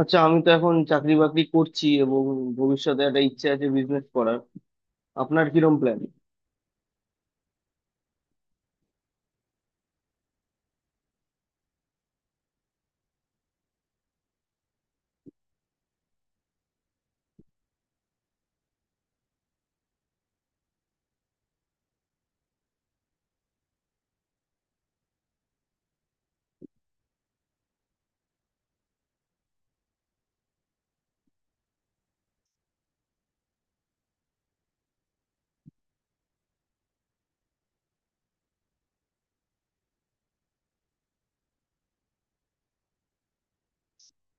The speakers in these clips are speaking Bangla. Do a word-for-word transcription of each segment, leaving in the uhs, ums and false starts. আচ্ছা, আমি তো এখন চাকরি বাকরি করছি এবং ভবিষ্যতে একটা ইচ্ছে আছে বিজনেস করার। আপনার কিরম প্ল্যান?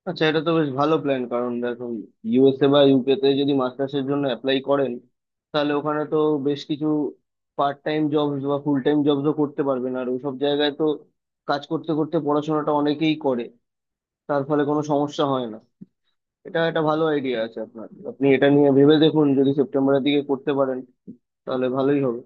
আচ্ছা, এটা তো বেশ ভালো প্ল্যান। কারণ দেখুন, ইউএসএ বা ইউকে তে যদি মাস্টার্স এর জন্য অ্যাপ্লাই করেন, তাহলে ওখানে তো বেশ কিছু পার্ট টাইম জবস বা ফুল টাইম জবসও করতে পারবেন। আর ওইসব জায়গায় তো কাজ করতে করতে পড়াশোনাটা অনেকেই করে, তার ফলে কোনো সমস্যা হয় না। এটা একটা ভালো আইডিয়া আছে আপনার, আপনি এটা নিয়ে ভেবে দেখুন। যদি সেপ্টেম্বরের দিকে করতে পারেন তাহলে ভালোই হবে।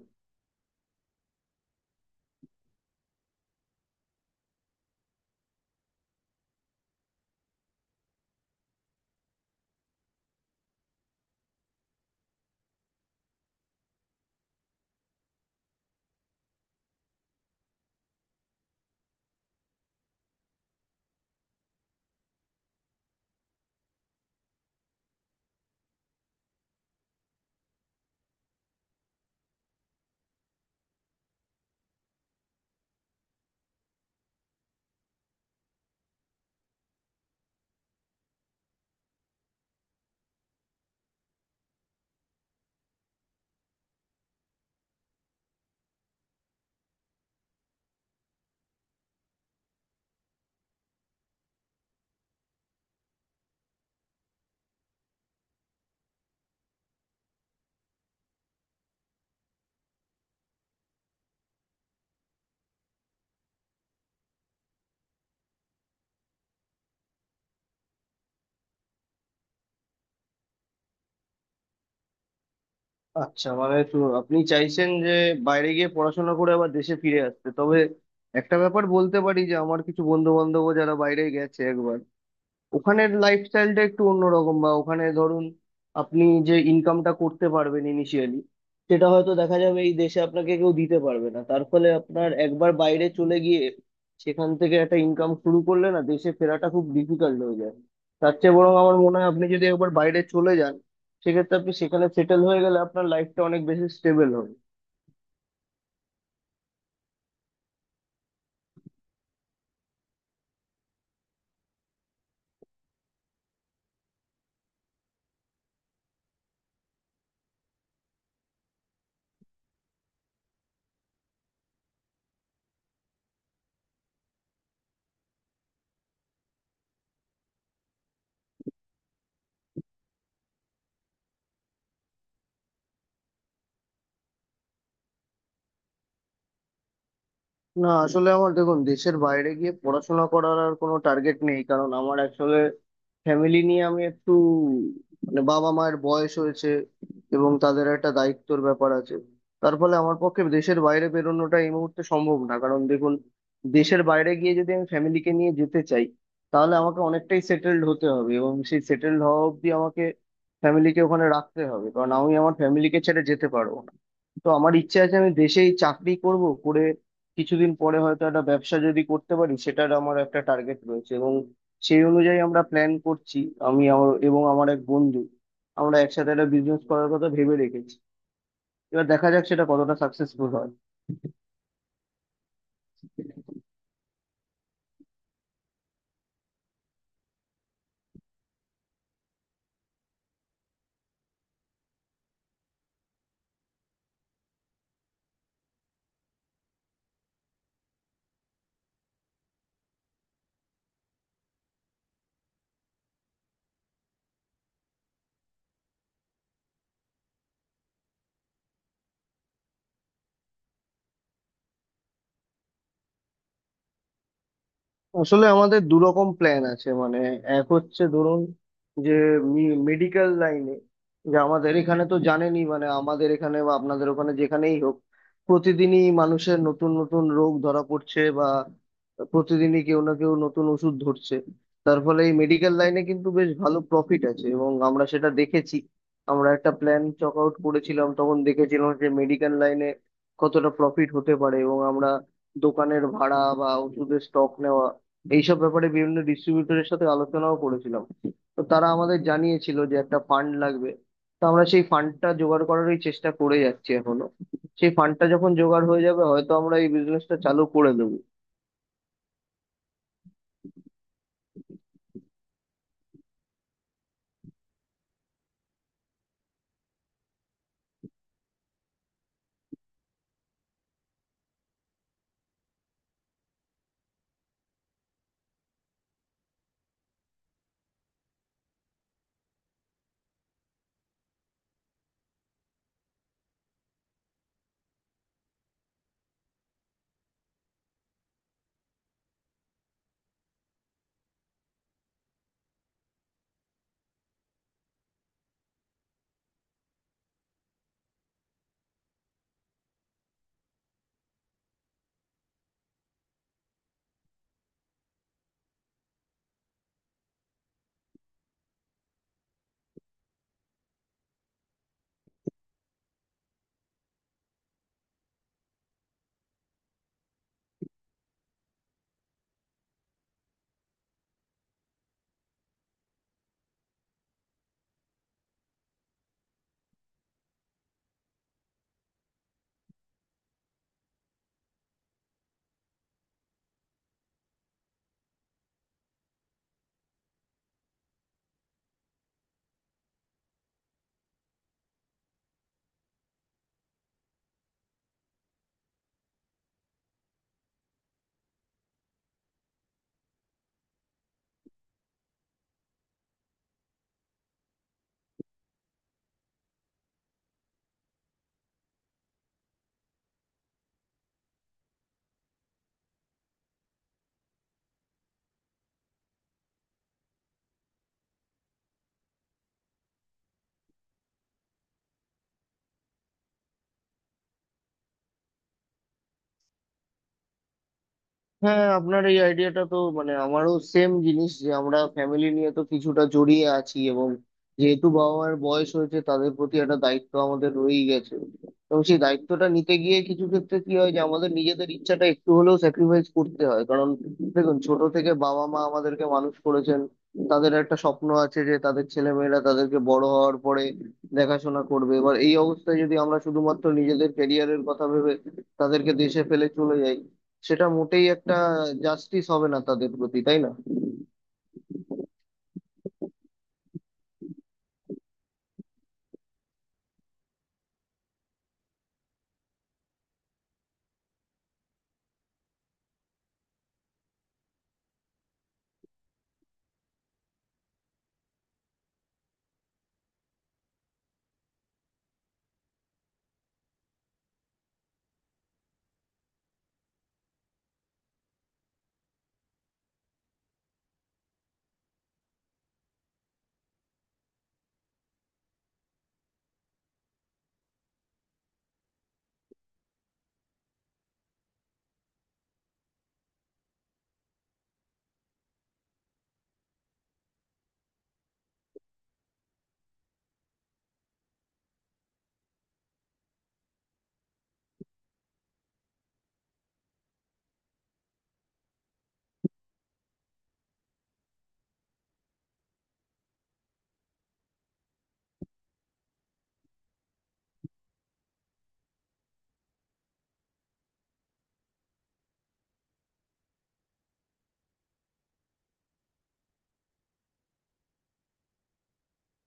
আচ্ছা, মানে তো আপনি চাইছেন যে বাইরে গিয়ে পড়াশোনা করে আবার দেশে ফিরে আসতে। তবে একটা ব্যাপার বলতে পারি, যে আমার কিছু বন্ধু বান্ধব যারা বাইরে গেছে একবার, ওখানের লাইফস্টাইলটা একটু অন্যরকম। বা ওখানে ধরুন আপনি যে ইনকামটা করতে পারবেন ইনিশিয়ালি, সেটা হয়তো দেখা যাবে এই দেশে আপনাকে কেউ দিতে পারবে না। তার ফলে আপনার একবার বাইরে চলে গিয়ে সেখান থেকে একটা ইনকাম শুরু করলে না, দেশে ফেরাটা খুব ডিফিকাল্ট হয়ে যায়। তার চেয়ে বরং আমার মনে হয় আপনি যদি একবার বাইরে চলে যান, সেক্ষেত্রে আপনি সেখানে সেটেল হয়ে গেলে আপনার লাইফটা অনেক বেশি স্টেবল হবে। না, আসলে আমার, দেখুন, দেশের বাইরে গিয়ে পড়াশোনা করার আর কোনো টার্গেট নেই। কারণ আমার আসলে ফ্যামিলি নিয়ে আমি একটু, মানে, বাবা মায়ের বয়স হয়েছে এবং তাদের একটা দায়িত্বর ব্যাপার আছে। তার ফলে আমার পক্ষে দেশের বাইরে বেরোনোটা এই মুহূর্তে সম্ভব না। কারণ দেখুন, দেশের বাইরে গিয়ে যদি আমি ফ্যামিলিকে নিয়ে যেতে চাই, তাহলে আমাকে অনেকটাই সেটেলড হতে হবে এবং সেই সেটেলড হওয়া অবধি আমাকে ফ্যামিলিকে ওখানে রাখতে হবে, কারণ আমি আমার ফ্যামিলিকে ছেড়ে যেতে পারবো না। তো আমার ইচ্ছা আছে আমি দেশেই চাকরি করব, করে কিছুদিন পরে হয়তো একটা ব্যবসা যদি করতে পারি, সেটার আমার একটা টার্গেট রয়েছে এবং সেই অনুযায়ী আমরা প্ল্যান করছি। আমি আমার এবং আমার এক বন্ধু, আমরা একসাথে একটা বিজনেস করার কথা ভেবে রেখেছি। এবার দেখা যাক সেটা কতটা সাকসেসফুল হয়। আসলে আমাদের দু রকম প্ল্যান আছে। মানে, এক হচ্ছে ধরুন, যে মেডিকেল লাইনে, যে আমাদের এখানে তো জানেনই, মানে আমাদের এখানে বা আপনাদের ওখানে যেখানেই হোক, প্রতিদিনই মানুষের নতুন নতুন রোগ ধরা পড়ছে বা প্রতিদিনই কেউ না কেউ নতুন ওষুধ ধরছে। তার ফলে এই মেডিকেল লাইনে কিন্তু বেশ ভালো প্রফিট আছে এবং আমরা সেটা দেখেছি। আমরা একটা প্ল্যান চক আউট করেছিলাম, তখন দেখেছিলাম যে মেডিকেল লাইনে কতটা প্রফিট হতে পারে। এবং আমরা দোকানের ভাড়া বা ওষুধের স্টক নেওয়া, এইসব ব্যাপারে বিভিন্ন ডিস্ট্রিবিউটরের সাথে আলোচনাও করেছিলাম। তো তারা আমাদের জানিয়েছিল যে একটা ফান্ড লাগবে। তো আমরা সেই ফান্ডটা জোগাড় করারই চেষ্টা করে যাচ্ছি এখনো। সেই ফান্ডটা যখন জোগাড় হয়ে যাবে, হয়তো আমরা এই বিজনেসটা চালু করে দেবো। হ্যাঁ হ্যাঁ, আপনার এই আইডিয়াটা তো, মানে, আমারও সেম জিনিস। যে আমরা ফ্যামিলি নিয়ে তো কিছুটা জড়িয়ে আছি এবং যেহেতু বাবা মায়ের বয়স হয়েছে, তাদের প্রতি একটা দায়িত্ব আমাদের রয়েই গেছে। এবং সেই দায়িত্বটা নিতে গিয়ে কিছু ক্ষেত্রে কি হয়, যে আমাদের নিজেদের ইচ্ছাটা একটু হলেও স্যাক্রিফাইস করতে হয়। কারণ দেখুন, ছোট থেকে বাবা মা আমাদেরকে মানুষ করেছেন, তাদের একটা স্বপ্ন আছে যে তাদের ছেলেমেয়েরা তাদেরকে বড় হওয়ার পরে দেখাশোনা করবে। এবার এই অবস্থায় যদি আমরা শুধুমাত্র নিজেদের ক্যারিয়ারের কথা ভেবে তাদেরকে দেশে ফেলে চলে যাই, সেটা মোটেই একটা জাস্টিস হবে না তাদের প্রতি, তাই না?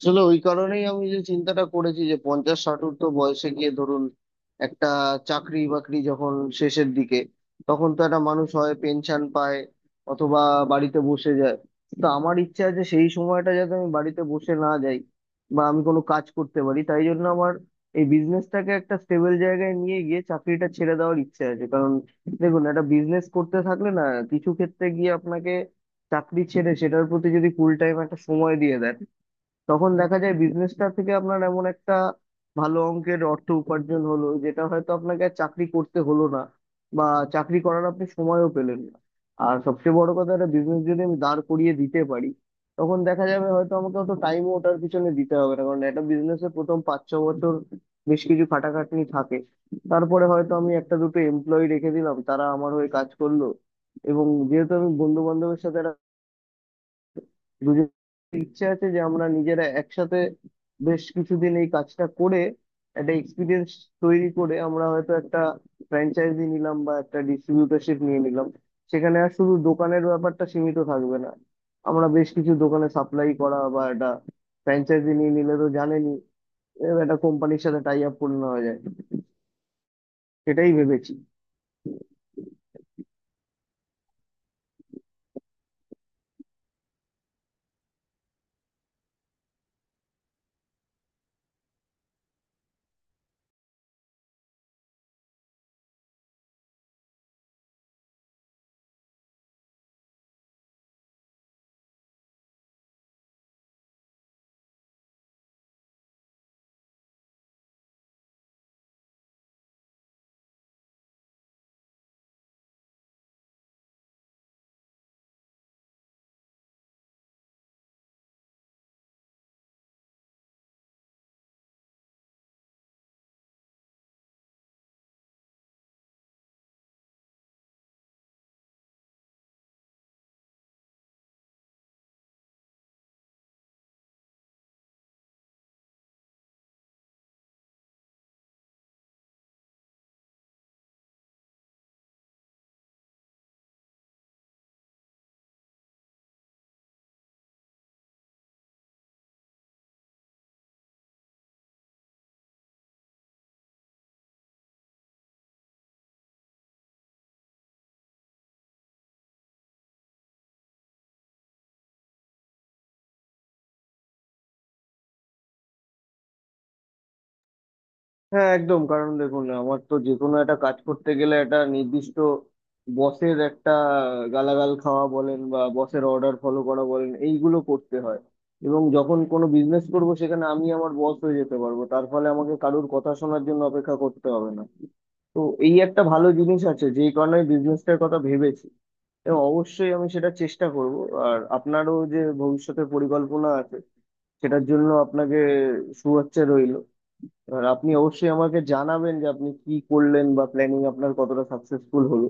আসলে ওই কারণেই আমি যে চিন্তাটা করেছি, যে পঞ্চাশ ষাটোর্ধ্ব বয়সে গিয়ে ধরুন, একটা চাকরি বাকরি যখন শেষের দিকে, তখন তো একটা মানুষ হয় পেনশন পায়, অথবা বাড়িতে বসে যায়। তো আমার ইচ্ছা আছে সেই সময়টা যাতে আমি বাড়িতে বসে না যাই বা আমি কোনো কাজ করতে পারি, তাই জন্য আমার এই বিজনেসটাকে একটা স্টেবল জায়গায় নিয়ে গিয়ে চাকরিটা ছেড়ে দেওয়ার ইচ্ছে আছে। কারণ দেখুন, একটা বিজনেস করতে থাকলে না, কিছু ক্ষেত্রে গিয়ে আপনাকে চাকরি ছেড়ে সেটার প্রতি যদি ফুল টাইম একটা সময় দিয়ে দেন, তখন দেখা যায় বিজনেসটা থেকে আপনার এমন একটা ভালো অঙ্কের অর্থ উপার্জন হলো যেটা হয়তো আপনাকে আর চাকরি করতে হলো না বা চাকরি করার আপনি সময়ও পেলেন না। আর সবচেয়ে বড় কথা, একটা বিজনেস যদি আমি দাঁড় করিয়ে দিতে পারি, তখন দেখা যাবে হয়তো আমাকে অত টাইমও ওটার পিছনে দিতে হবে না, কারণ একটা বিজনেসের প্রথম পাঁচ ছ বছর বেশ কিছু খাটাখাটনি থাকে। তারপরে হয়তো আমি একটা দুটো এমপ্লয়ি রেখে দিলাম, তারা আমার হয়ে কাজ করলো। এবং যেহেতু আমি বন্ধু বান্ধবের সাথে, দুজনের ইচ্ছে আছে যে আমরা নিজেরা একসাথে বেশ কিছুদিন এই কাজটা করে একটা এক্সপিরিয়েন্স তৈরি করে আমরা হয়তো একটা ফ্র্যাঞ্চাইজি নিলাম বা একটা ডিস্ট্রিবিউটারশিপ নিয়ে নিলাম। সেখানে আর শুধু দোকানের ব্যাপারটা সীমিত থাকবে না, আমরা বেশ কিছু দোকানে সাপ্লাই করা বা একটা ফ্র্যাঞ্চাইজি নিয়ে নিলে তো জানেনই, এরকম একটা কোম্পানির সাথে টাই আপ করে নেওয়া যায়। সেটাই ভেবেছি। হ্যাঁ, একদম। কারণ দেখুন, আমার তো যে কোনো একটা কাজ করতে গেলে একটা নির্দিষ্ট বসের একটা গালাগাল খাওয়া বলেন বা বসের অর্ডার ফলো করা বলেন, এইগুলো করতে হয়। এবং যখন কোনো বিজনেস করব, সেখানে আমি আমার বস হয়ে যেতে পারবো, তার ফলে আমাকে কারুর কথা শোনার জন্য অপেক্ষা করতে হবে না। তো এই একটা ভালো জিনিস আছে যেই কারণে বিজনেসটার কথা ভেবেছি, এবং অবশ্যই আমি সেটা চেষ্টা করব। আর আপনারও যে ভবিষ্যতের পরিকল্পনা আছে, সেটার জন্য আপনাকে শুভেচ্ছা রইল। এবার আপনি অবশ্যই আমাকে জানাবেন যে আপনি কি করলেন বা প্ল্যানিং আপনার কতটা সাকসেসফুল হলো।